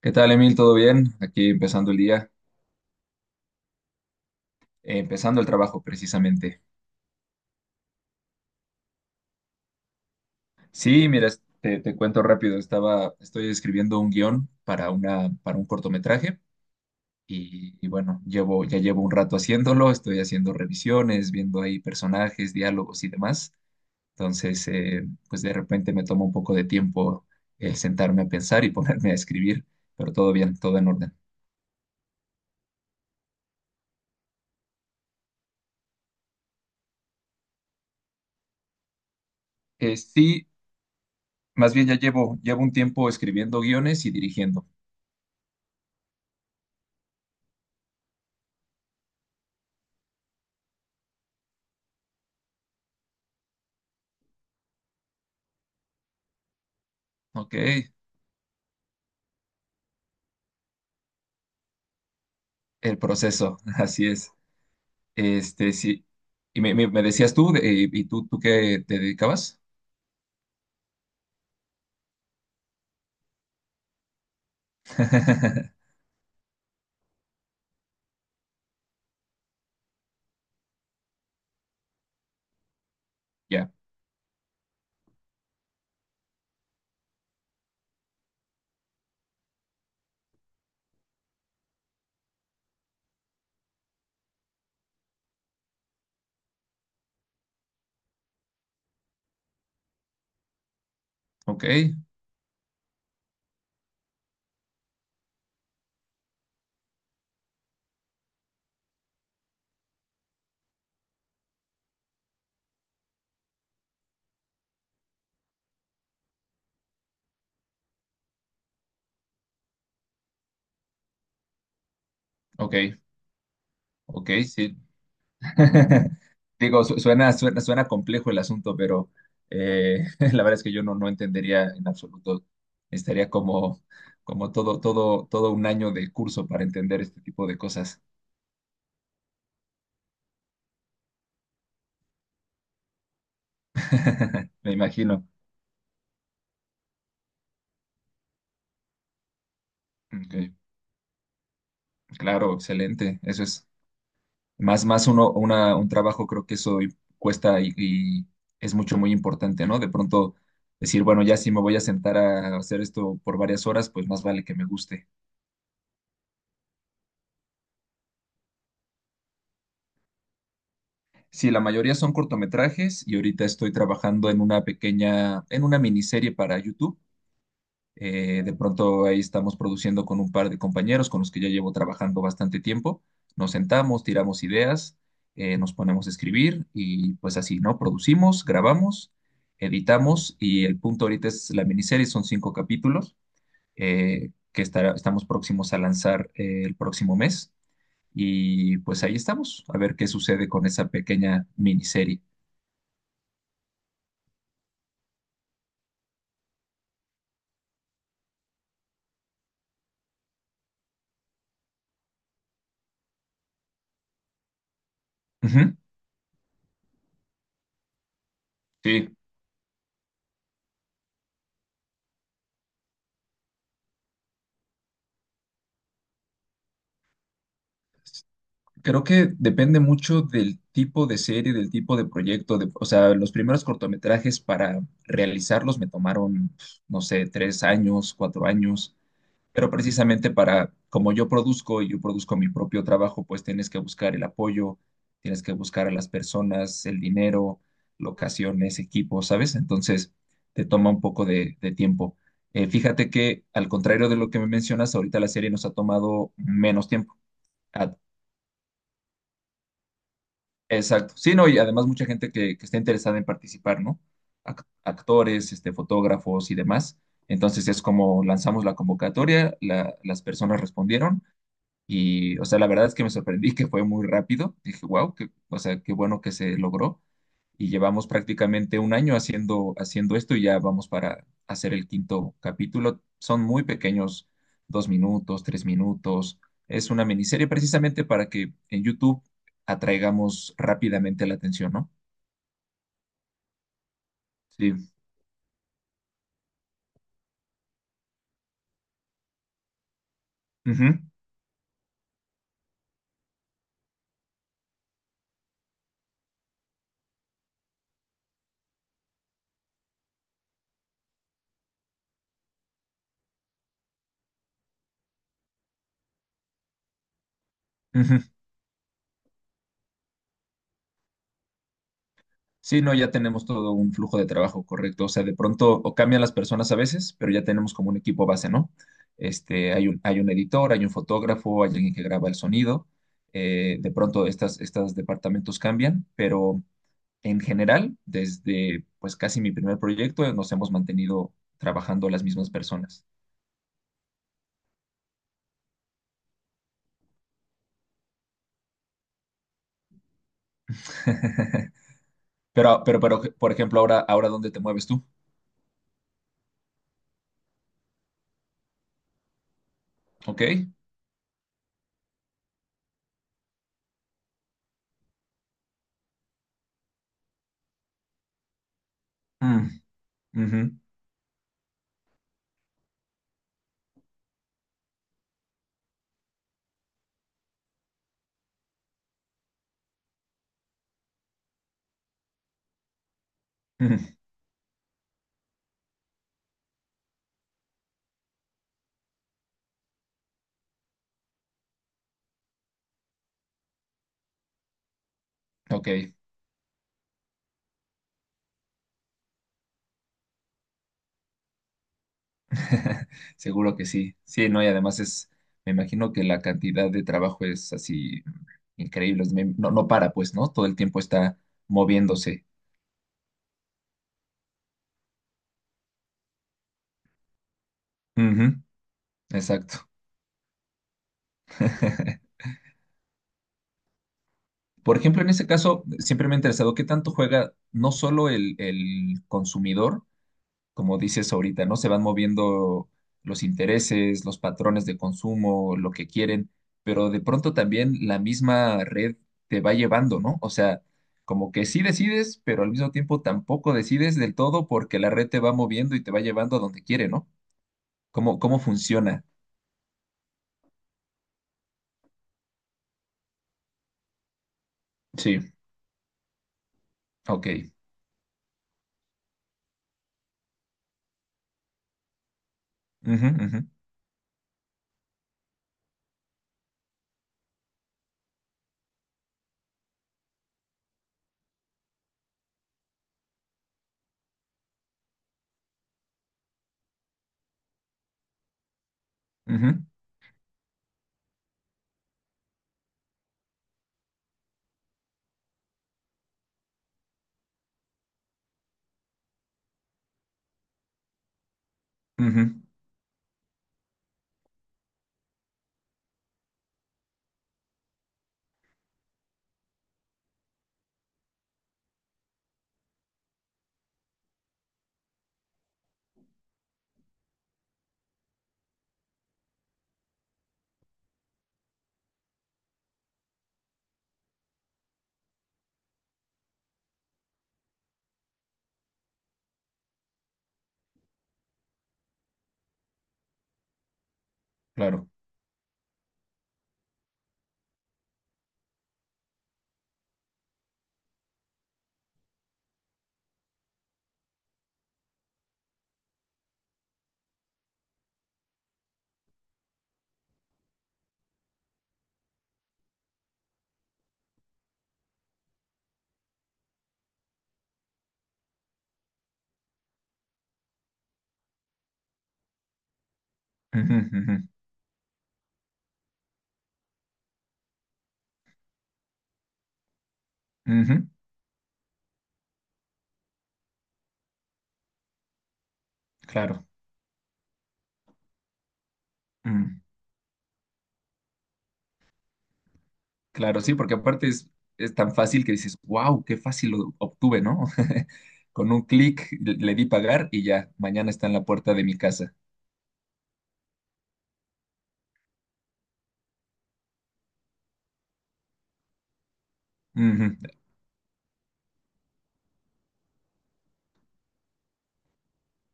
¿Qué tal, Emil? ¿Todo bien? Aquí empezando el día, empezando el trabajo precisamente. Sí, mira, te cuento rápido, estoy escribiendo un guión para una, para un cortometraje y bueno, ya llevo un rato haciéndolo, estoy haciendo revisiones, viendo ahí personajes, diálogos y demás. Entonces, pues de repente me toma un poco de tiempo el sentarme a pensar y ponerme a escribir, pero todo bien, todo en orden. Sí, más bien ya llevo, llevo un tiempo escribiendo guiones y dirigiendo. Ok. El proceso, así es. Este, sí. Y me decías tú, ¿y tú qué te dedicabas? Ya, ok, ok, ok, sí. Digo, suena, suena, suena complejo el asunto, pero la verdad es que yo no, no entendería en absoluto. Estaría como, como todo, todo, todo un año de curso para entender este tipo de cosas. Me imagino. Ok, claro, excelente. Eso es. Más, más uno, una, un trabajo, creo que cuesta y es mucho, muy importante, ¿no? De pronto decir, bueno, ya si me voy a sentar a hacer esto por varias horas, pues más vale que me guste. Sí, la mayoría son cortometrajes y ahorita estoy trabajando en una pequeña, en una miniserie para YouTube. De pronto ahí estamos produciendo con un par de compañeros con los que ya llevo trabajando bastante tiempo. Nos sentamos, tiramos ideas, nos ponemos a escribir y pues así, ¿no? Producimos, grabamos, editamos y el punto ahorita es la miniserie, son cinco capítulos que estamos próximos a lanzar el próximo mes y pues ahí estamos, a ver qué sucede con esa pequeña miniserie. Ujú, sí. Creo que depende mucho del tipo de serie, del tipo de proyecto. O sea, los primeros cortometrajes para realizarlos me tomaron, no sé, tres años, cuatro años, pero precisamente para, como yo produzco y yo produzco mi propio trabajo, pues tienes que buscar el apoyo, tienes que buscar a las personas, el dinero, locaciones, equipos, ¿sabes? Entonces, te toma un poco de tiempo. Fíjate que, al contrario de lo que me mencionas, ahorita la serie nos ha tomado menos tiempo. A- Exacto. Sí, no, y además mucha gente que está interesada en participar, ¿no? Actores, este, fotógrafos y demás. Entonces es como lanzamos la convocatoria, las personas respondieron y, o sea, la verdad es que me sorprendí que fue muy rápido. Dije, wow, o sea, qué bueno que se logró y llevamos prácticamente un año haciendo, haciendo esto y ya vamos para hacer el quinto capítulo. Son muy pequeños, dos minutos, tres minutos. Es una miniserie precisamente para que en YouTube atraigamos rápidamente la atención, ¿no? Sí. Ujú, ujú. Sí, no, ya tenemos todo un flujo de trabajo correcto. O sea, de pronto o cambian las personas a veces, pero ya tenemos como un equipo base, ¿no? Este, hay un editor, hay un fotógrafo, hay alguien que graba el sonido. De pronto estas, estos departamentos cambian, pero en general, desde pues casi mi primer proyecto, nos hemos mantenido trabajando las mismas personas. Pero, por ejemplo, ahora, ahora, ¿dónde te mueves tú? ¿Ok? Mm, ujú, ujú, ok. Seguro que sí. Sí, no, y además es, me imagino que la cantidad de trabajo es así increíble. No, no para, pues, ¿no? Todo el tiempo está moviéndose. Ujú, exacto. Por ejemplo, en ese caso, siempre me ha interesado qué tanto juega no solo el consumidor, como dices ahorita, ¿no? Se van moviendo los intereses, los patrones de consumo, lo que quieren, pero de pronto también la misma red te va llevando, ¿no? O sea, como que sí decides, pero al mismo tiempo tampoco decides del todo porque la red te va moviendo y te va llevando a donde quiere, ¿no? ¿Cómo, cómo funciona? Sí, ok. Ujú, ujú, ujú, ujú, claro. Ujú, ujú, ujú, claro. Mm, claro, sí, porque aparte es tan fácil que dices, wow, qué fácil lo obtuve, ¿no? Con un clic le di pagar y ya, mañana está en la puerta de mi casa. Ujú,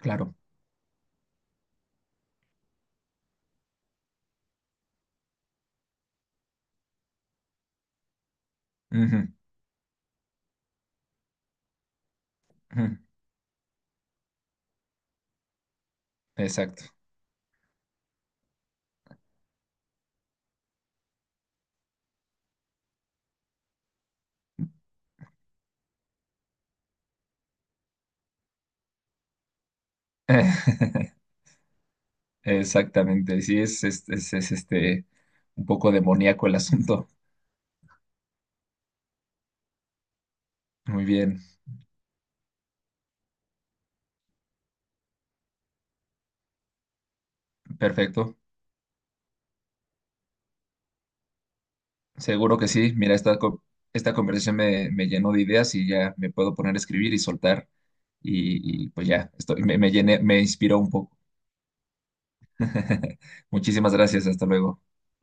claro. Ujú, ujú, exacto. Exactamente. Sí, este un poco demoníaco el asunto. Muy bien, perfecto. Seguro que sí. Mira, esta conversación me, me llenó de ideas y ya me puedo poner a escribir y soltar. Y, pues ya, estoy, me llené, me inspiró un poco. Muchísimas gracias. Hasta luego.